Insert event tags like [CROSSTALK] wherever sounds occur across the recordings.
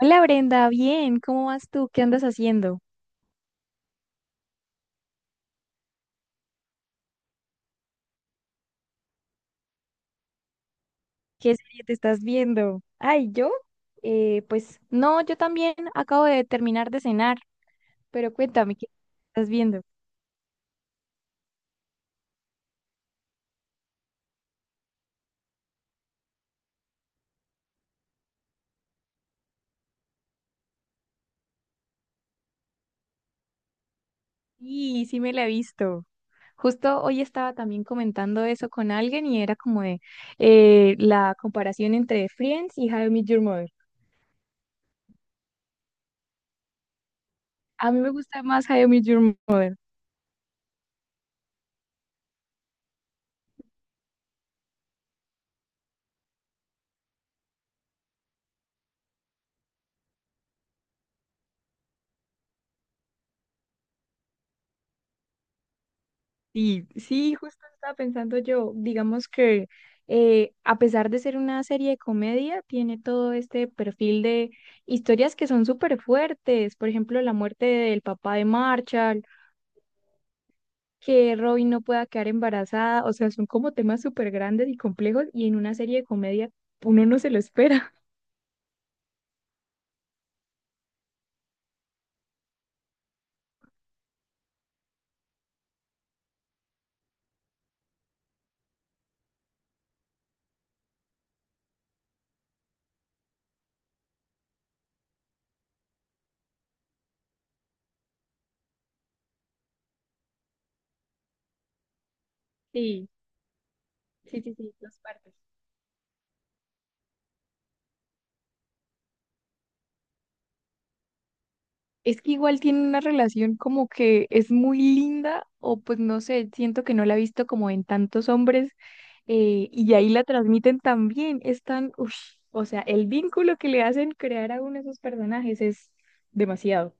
Hola Brenda, bien, ¿cómo vas tú? ¿Qué andas haciendo? ¿Qué serie te estás viendo? Ay, yo, pues no, yo también acabo de terminar de cenar, pero cuéntame, ¿qué estás viendo? Sí, sí me la he visto. Justo hoy estaba también comentando eso con alguien y era como de la comparación entre Friends y How I Met Your Mother. A mí me gusta más How I Met Your Mother. Sí, sí, justo estaba pensando yo, digamos que a pesar de ser una serie de comedia, tiene todo este perfil de historias que son súper fuertes, por ejemplo, la muerte del papá de Marshall, que Robin no pueda quedar embarazada, o sea, son como temas súper grandes y complejos y en una serie de comedia uno no se lo espera. Sí, sí, sí, sí, dos partes. Es que igual tiene una relación como que es muy linda, o pues no sé, siento que no la he visto como en tantos hombres, y ahí la transmiten también. Es tan, ush, o sea, el vínculo que le hacen crear a uno de esos personajes es demasiado.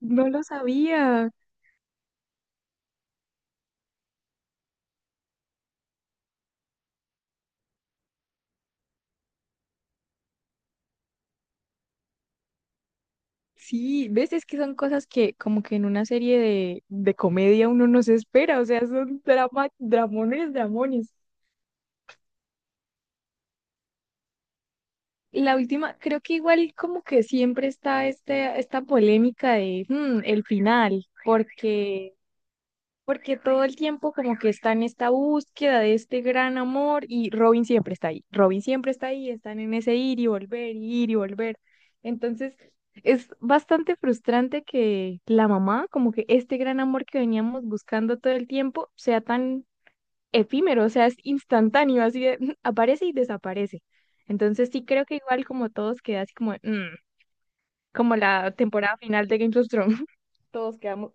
No lo sabía. Sí, ves, es que son cosas que como que en una serie de comedia uno no se espera, o sea, son drama, dramones, dramones. La última, creo que igual como que siempre está este, esta polémica de el final, porque, porque todo el tiempo como que está en esta búsqueda de este gran amor y Robin siempre está ahí, Robin siempre está ahí, están en ese ir y volver, y ir y volver. Entonces, es bastante frustrante que la mamá, como que este gran amor que veníamos buscando todo el tiempo, sea tan efímero, o sea, es instantáneo, así de, [LAUGHS] aparece y desaparece. Entonces sí creo que igual como todos queda así como, "Mm", como la temporada final de Game of Thrones, [LAUGHS] todos quedamos.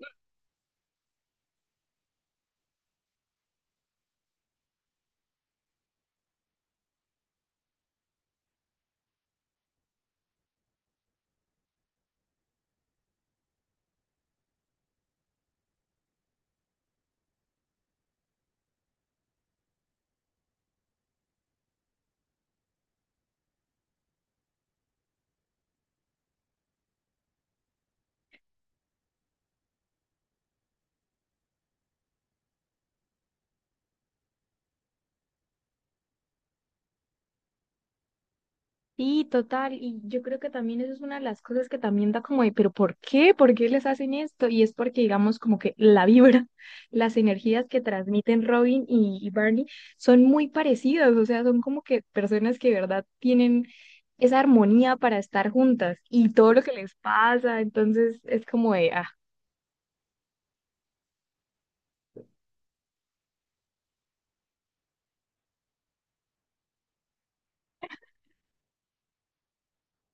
Sí, total, y yo creo que también eso es una de las cosas que también da como de, pero ¿por qué? ¿Por qué les hacen esto? Y es porque, digamos, como que la [LAUGHS] vibra, las energías que transmiten Robin y Barney son muy parecidas, o sea, son como que personas que de verdad tienen esa armonía para estar juntas y todo lo que les pasa, entonces es como de, ah,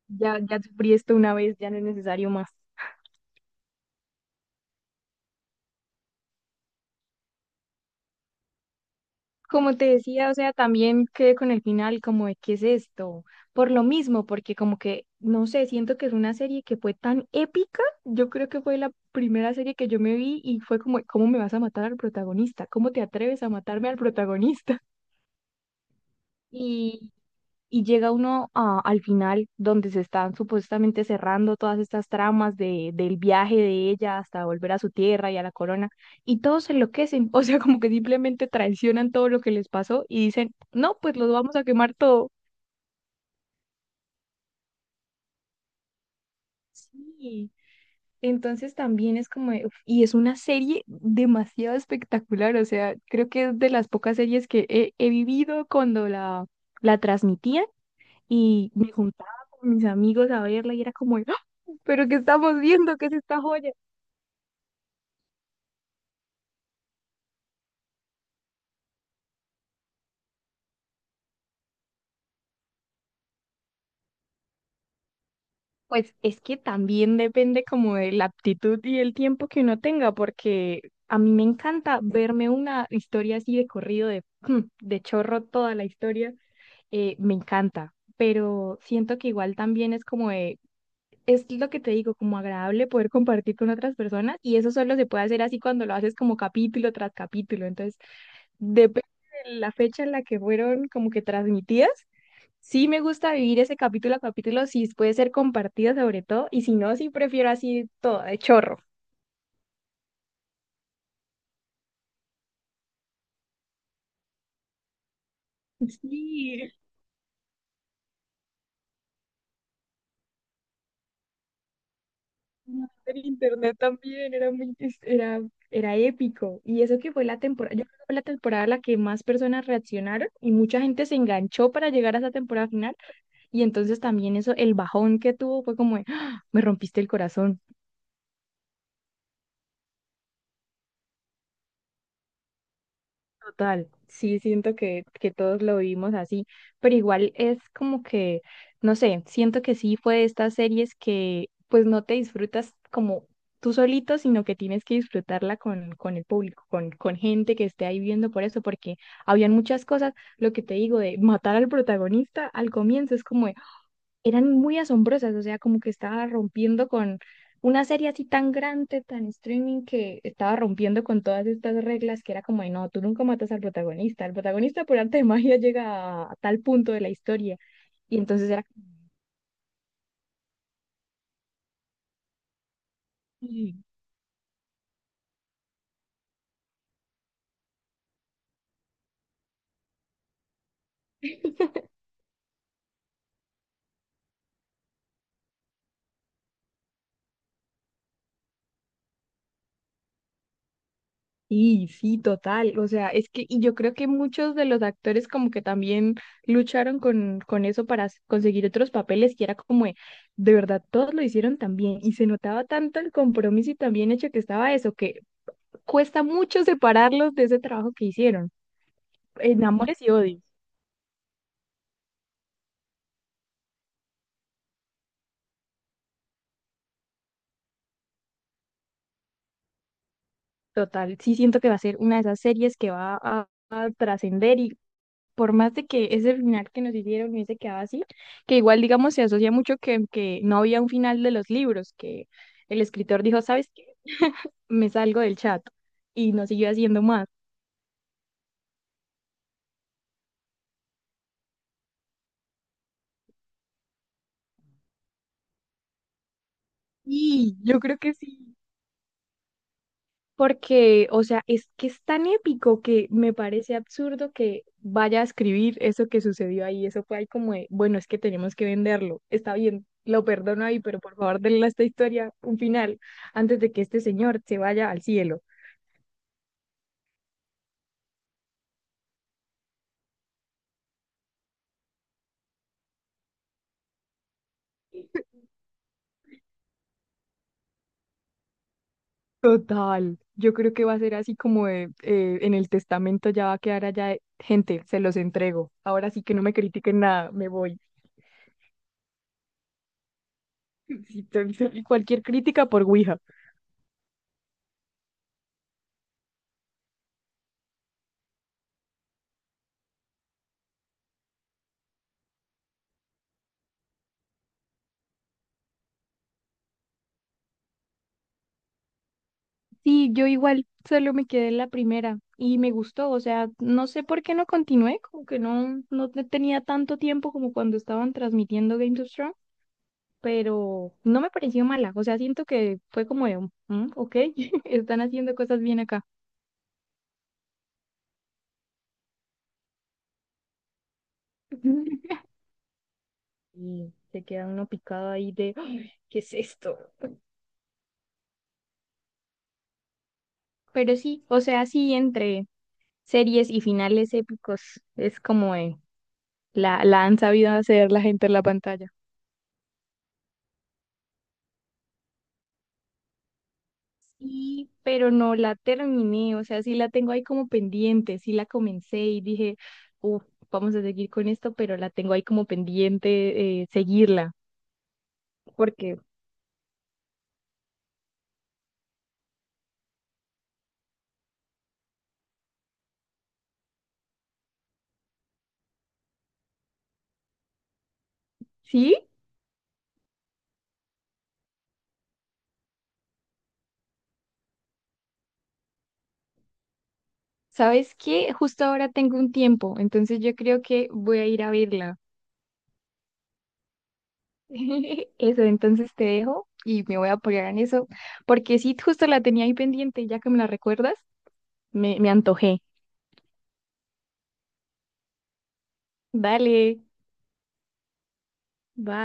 ya, ya sufrí esto una vez, ya no es necesario más. Como te decía, o sea, también quedé con el final como de qué es esto, por lo mismo, porque como que, no sé, siento que es una serie que fue tan épica, yo creo que fue la primera serie que yo me vi y fue como, ¿cómo me vas a matar al protagonista? ¿Cómo te atreves a matarme al protagonista? [LAUGHS] y y llega uno al final donde se están supuestamente cerrando todas estas tramas del viaje de ella hasta volver a su tierra y a la corona, y todos se enloquecen, [LAUGHS] o sea, como que simplemente traicionan todo lo que les pasó y dicen, no, pues los vamos a quemar todo. Sí. Entonces también es como, de, uf, y es una serie demasiado espectacular, o sea, creo que es de las pocas series que he vivido cuando la transmitían y me juntaba con mis amigos a verla y era como, ¡Ah! ¿Pero qué estamos viendo? ¿Qué es esta joya? Pues es que también depende como de la aptitud y el tiempo que uno tenga, porque a mí me encanta verme una historia así de corrido, de, [CLEARS THROAT] de chorro toda la historia, me encanta, pero siento que igual también es como de, es lo que te digo, como agradable poder compartir con otras personas y eso solo se puede hacer así cuando lo haces como capítulo tras capítulo, entonces depende de la fecha en la que fueron como que transmitidas. Sí me gusta vivir ese capítulo a capítulo, si puede ser compartido sobre todo, y si no, sí prefiero así todo, de chorro. Sí, en internet también era muy, era, era épico. Y eso que fue la temporada, yo creo que fue la temporada en la que más personas reaccionaron y mucha gente se enganchó para llegar a esa temporada final. Y entonces también eso, el bajón que tuvo fue como, de, "Ah, me rompiste el corazón". Total, sí, siento que todos lo vivimos así, pero igual es como que, no sé, siento que sí fue de estas series que pues no te disfrutas como tú solito, sino que tienes que disfrutarla con el público, con gente que esté ahí viendo por eso, porque habían muchas cosas, lo que te digo de matar al protagonista al comienzo es como, eran muy asombrosas, o sea, como que estaba rompiendo con una serie así tan grande, tan streaming, que estaba rompiendo con todas estas reglas que era como, de, no, tú nunca matas al protagonista, el protagonista por arte de magia llega a tal punto de la historia, y entonces era como, sí, sí, sí, total, o sea, es que, y yo creo que muchos de los actores como que también lucharon con eso para conseguir otros papeles, que era como, de verdad, todos lo hicieron también, y se notaba tanto el compromiso y también hecho que estaba eso, que cuesta mucho separarlos de ese trabajo que hicieron, en amores y odios. Total, sí siento que va a ser una de esas series que a trascender y por más de que ese final que nos hicieron hubiese quedado así, que igual digamos se asocia mucho que no había un final de los libros, que el escritor dijo, ¿sabes qué? Me salgo del chat y no siguió haciendo más. Y yo creo que sí, porque, o sea, es que es tan épico que me parece absurdo que vaya a escribir eso que sucedió ahí. Eso fue ahí como de, bueno, es que tenemos que venderlo. Está bien, lo perdono ahí, pero por favor denle a esta historia un final antes de que este señor se vaya al cielo. Total, yo creo que va a ser así como de, en el testamento ya va a quedar allá, de, gente, se los entrego. Ahora sí que no me critiquen nada, me voy. [LAUGHS] Sí, cualquier crítica por Ouija. Sí, yo igual solo me quedé en la primera y me gustó, o sea, no sé por qué no continué, como que no, tenía tanto tiempo como cuando estaban transmitiendo Games of Thrones, pero no me pareció mala, o sea, siento que fue como de, "Mm, ok, [LAUGHS] están haciendo cosas bien acá". [LAUGHS] Y se queda uno picado ahí de, "Ah, ¿qué es esto?" Pero sí, o sea, sí, entre series y finales épicos, es como la han sabido hacer la gente en la pantalla. Y, pero no la terminé, o sea, sí la tengo ahí como pendiente, sí la comencé y dije, uff, vamos a seguir con esto, pero la tengo ahí como pendiente seguirla, porque sí, ¿sabes qué? Justo ahora tengo un tiempo, entonces yo creo que voy a ir a verla. [LAUGHS] Eso, entonces te dejo y me voy a apoyar en eso, porque sí, justo la tenía ahí pendiente, ya que me la recuerdas, me antojé. Dale, bye.